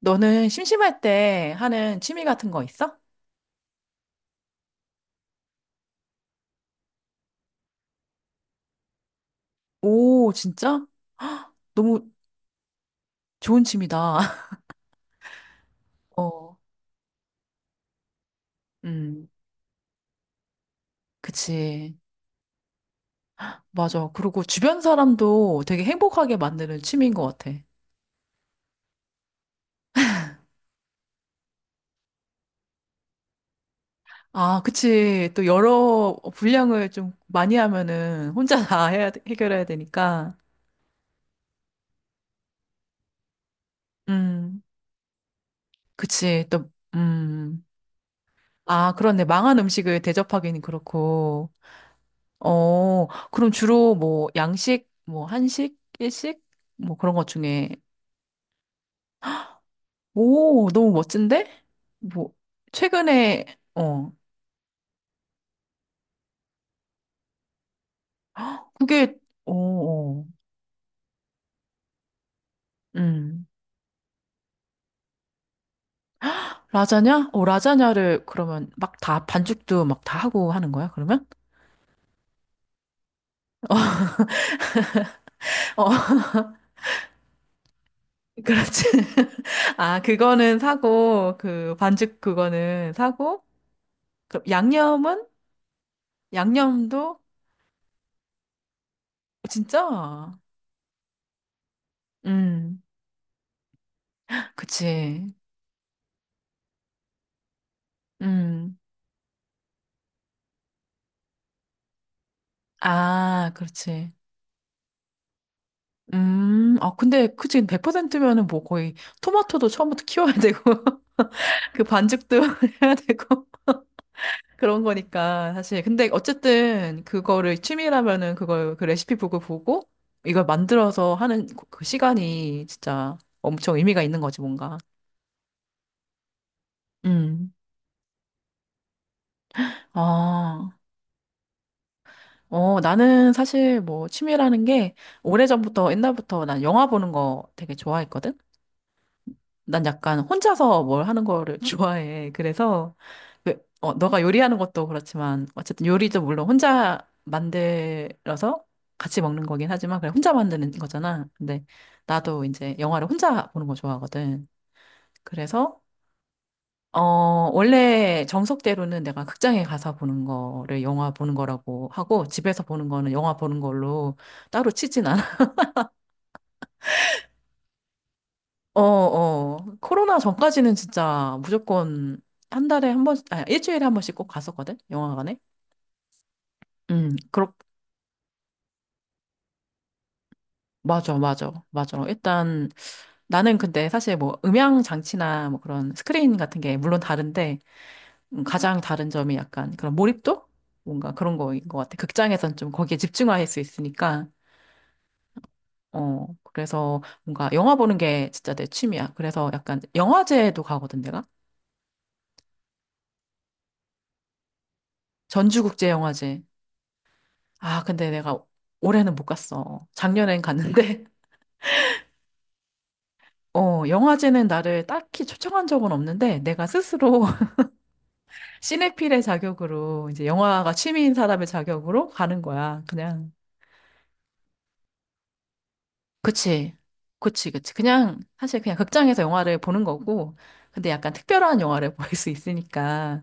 너는 심심할 때 하는 취미 같은 거 있어? 오, 진짜? 너무 좋은 취미다. 어, 음, 그치. 맞아. 그리고 주변 사람도 되게 행복하게 만드는 취미인 것 같아. 아, 그치. 또 여러 분량을 좀 많이 하면은 혼자 다 해결해야 되니까. 음, 그치. 또, 아, 그렇네. 망한 음식을 대접하기는 그렇고. 어, 그럼 주로 뭐 양식, 뭐 한식, 일식, 뭐 그런 것 중에. 오, 너무 멋진데? 뭐 최근에, 어, 그게 어, 어. 음. 라자냐? 어, 라자냐를 그러면 막 다 반죽도 막 다 하고 하는 거야, 그러면? 어, 그렇지. 아, 그거는 사고 그 반죽 그거는 사고 그럼 양념은 양념도 진짜? 음. 그치. 음. 아, 그렇지. 아, 근데, 그치, 100%면은 뭐 거의 토마토도 처음부터 키워야 되고, 그 반죽도 해야 되고, 그런 거니까, 사실. 근데 어쨌든, 그거를 취미라면은 그 레시피북을 보고, 이걸 만들어서 하는 그 시간이 진짜 엄청 의미가 있는 거지, 뭔가. 음. 아, 어, 나는 사실 뭐 취미라는 게, 오래전부터, 옛날부터 난 영화 보는 거 되게 좋아했거든? 난 약간 혼자서 뭘 하는 거를 좋아해. 그래서, 어, 너가 요리하는 것도 그렇지만, 어쨌든 요리도 물론 혼자 만들어서 같이 먹는 거긴 하지만, 그냥 혼자 만드는 거잖아. 근데 나도 이제 영화를 혼자 보는 거 좋아하거든. 그래서, 어, 원래 정석대로는 내가 극장에 가서 보는 거를 영화 보는 거라고 하고, 집에서 보는 거는 영화 보는 걸로 따로 치진 않아. 어, 어. 코로나 전까지는 진짜 무조건 한 달에 한 번, 아니, 일주일에 한 번씩 꼭 갔었거든? 영화관에? 음, 그렇, 맞아, 맞아, 맞아. 일단 나는 근데 사실 뭐 음향 장치나 뭐 그런 스크린 같은 게 물론 다른데, 가장 다른 점이 약간 그런 몰입도? 뭔가 그런 거인 것 같아. 극장에선 좀 거기에 집중할 수 있으니까. 어, 그래서 뭔가 영화 보는 게 진짜 내 취미야. 그래서 약간 영화제도 가거든, 내가. 전주국제영화제. 아, 근데 내가 올해는 못 갔어. 작년엔 갔는데, 어, 영화제는 나를 딱히 초청한 적은 없는데, 내가 스스로 시네필의 자격으로, 이제 영화가 취미인 사람의 자격으로 가는 거야. 그냥. 그치. 그치, 그치. 그냥, 사실 그냥 극장에서 영화를 보는 거고, 근데 약간 특별한 영화를 볼 수 있으니까,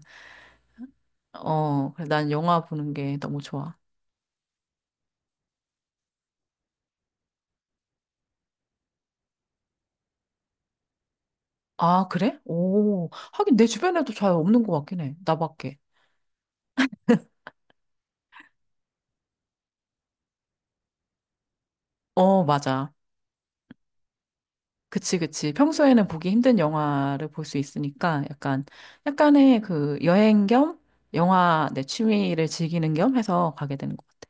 어, 그래, 난 영화 보는 게 너무 좋아. 아, 그래? 오, 하긴 내 주변에도 잘 없는 것 같긴 해. 나밖에. 어, 맞아. 그치, 그치. 평소에는 보기 힘든 영화를 볼 수 있으니까 약간, 약간의 그 여행 겸 영화 내 취미를 즐기는 겸 해서 가게 되는 것 같아.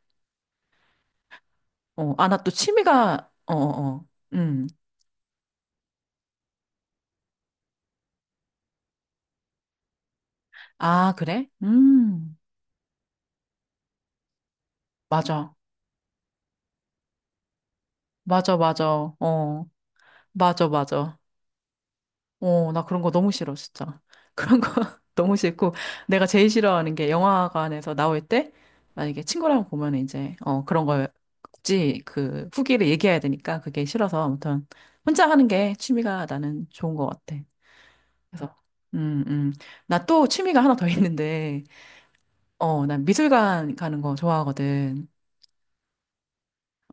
어, 아, 나 또 취미가, 음. 아, 그래? 음. 맞아. 맞아, 맞아. 어. 맞아, 맞아. 어, 나 그런 거 너무 싫어, 진짜. 그런 거 너무 싫고, 내가 제일 싫어하는 게 영화관에서 나올 때, 만약에 친구랑 보면 이제, 어, 그런 걸 굳이 그 후기를 얘기해야 되니까 그게 싫어서, 아무튼, 혼자 하는 게 취미가 나는 좋은 것 같아. 그래서, 음, 음. 나 또 취미가 하나 더 있는데, 어, 난 미술관 가는 거 좋아하거든.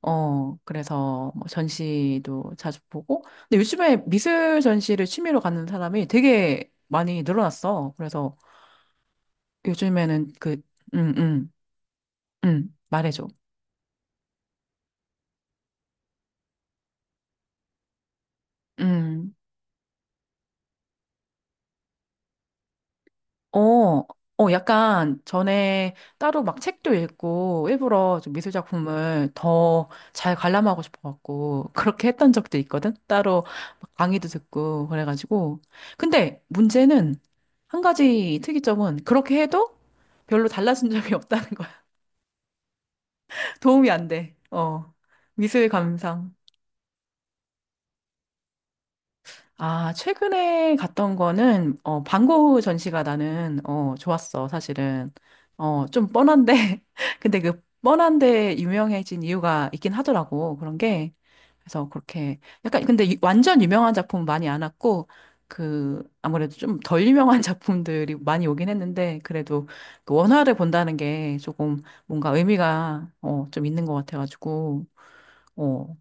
어, 그래서 뭐 전시도 자주 보고, 근데 요즘에 미술 전시를 취미로 가는 사람이 되게 많이 늘어났어. 그래서 요즘에는 그, 음, 음, 말해줘. 음, 어, 약간 전에 따로 막 책도 읽고 일부러 좀 미술 작품을 더 잘 관람하고 싶어갖고 그렇게 했던 적도 있거든? 따로 막 강의도 듣고 그래가지고. 근데 문제는 한 가지 특이점은 그렇게 해도 별로 달라진 점이 없다는 거야. 도움이 안 돼. 어, 미술 감상. 아, 최근에 갔던 거는, 어, 방구 전시가 나는, 어, 좋았어, 사실은. 어, 좀 뻔한데, 근데 그 뻔한데 유명해진 이유가 있긴 하더라고, 그런 게. 그래서 그렇게, 약간, 근데 완전 유명한 작품 많이 안 왔고, 그, 아무래도 좀 덜 유명한 작품들이 많이 오긴 했는데, 그래도 그 원화를 본다는 게 조금 뭔가 의미가, 어, 좀 있는 것 같아가지고, 어.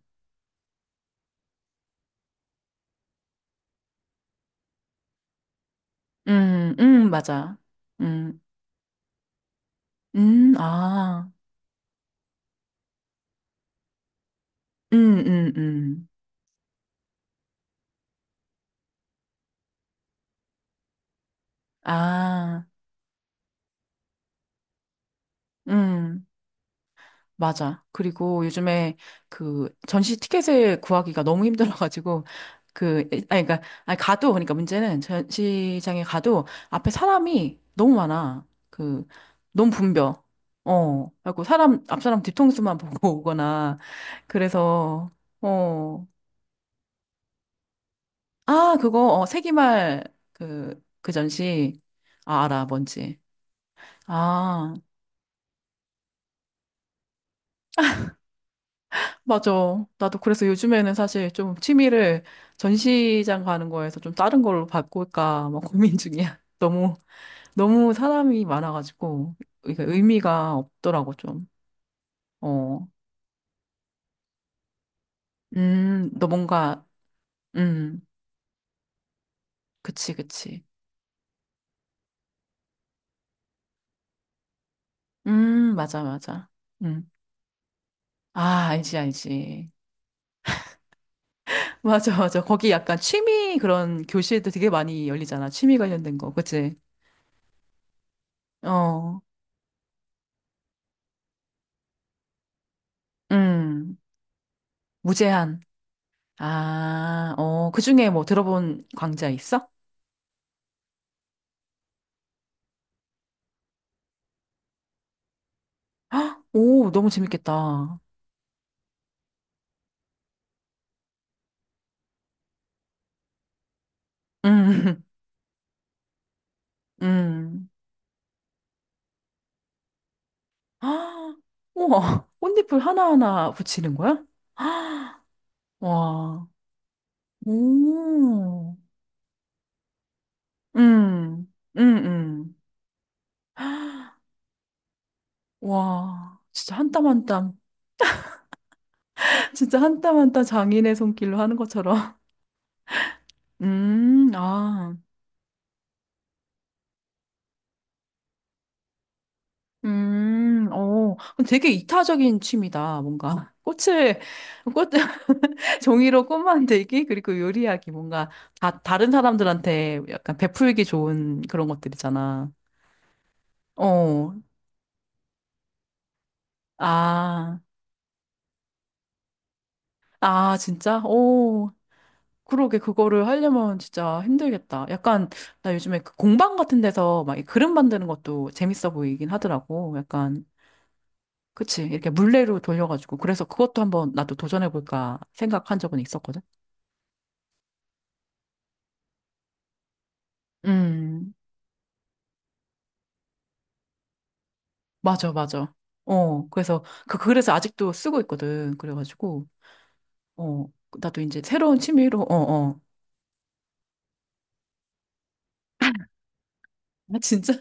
맞아. 음, 아. 음, 음, 음. 아, 음, 맞아. 그리고 요즘에 그 전시 티켓을 구하기가 너무 힘들어가지고, 그, 아니, 그니까, 아니, 가도, 그러니까 문제는 전시장에 가도 앞에 사람이 너무 많아. 그, 너무 붐벼. 어, 그리고 사람, 앞 사람 뒤통수만 보고 오거나, 그래서, 어, 아, 그거, 어, 세기말, 그, 그 전시, 아, 알아, 뭔지. 아, 맞아. 나도 그래서 요즘에는 사실 좀 취미를 전시장 가는 거에서 좀 다른 걸로 바꿀까 막 고민 중이야. 너무, 너무 사람이 많아가지고, 이게 의미가 없더라고, 좀. 어. 너 뭔가, 음, 그치, 그치. 맞아, 맞아. 음. 아, 알지, 알지. 맞아, 맞아. 거기 약간 취미 그런 교실도 되게 많이 열리잖아. 취미 관련된 거, 그치? 어, 음, 무제한. 아, 어, 그중에 뭐 들어본 강좌 있어? 헉, 오, 너무 재밌겠다. 음, 음. 헉, 우와, 꽃잎을 하나하나 붙이는 거야? 헉, 와, 오, 음, 음, 음. 와, 진짜 한땀한 땀, 진짜 한땀한땀 장인의 손길로 하는 것처럼. 아, 어, 되게 이타적인 취미다, 뭔가. 꽃을, 꽃, 종이로 꽃 만들기, 그리고 요리하기, 뭔가 다른 사람들한테 약간 베풀기 좋은 그런 것들이잖아. 어, 아, 아, 진짜? 오, 그러게, 그거를 하려면 진짜 힘들겠다. 약간, 나 요즘에 그 공방 같은 데서 막이 그림 만드는 것도 재밌어 보이긴 하더라고. 약간, 그치, 이렇게 물레로 돌려가지고. 그래서 그것도 한번 나도 도전해볼까 생각한 적은 있었거든. 음, 맞아, 맞아. 어, 그래서, 그래서 아직도 쓰고 있거든. 그래가지고. 어, 나도 이제 새로운 취미로, 어, 어. 아, 진짜?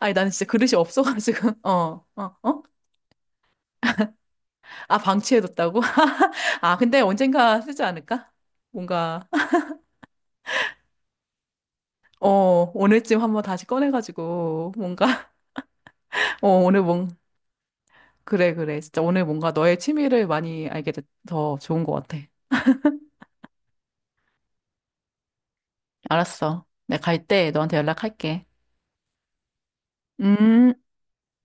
아니, 나는 진짜 그릇이 없어가지고, 어, 어, 어? 아, 방치해뒀다고? 아, 근데 언젠가 쓰지 않을까? 뭔가, 어, 오늘쯤 한번 다시 꺼내가지고, 뭔가, 어, 오늘 뭔, 그래, 그래. 진짜 오늘 뭔가 너의 취미를 많이 알게 돼서 좋은 것 같아. 알았어. 내가 갈 때 너한테 연락할게. 음.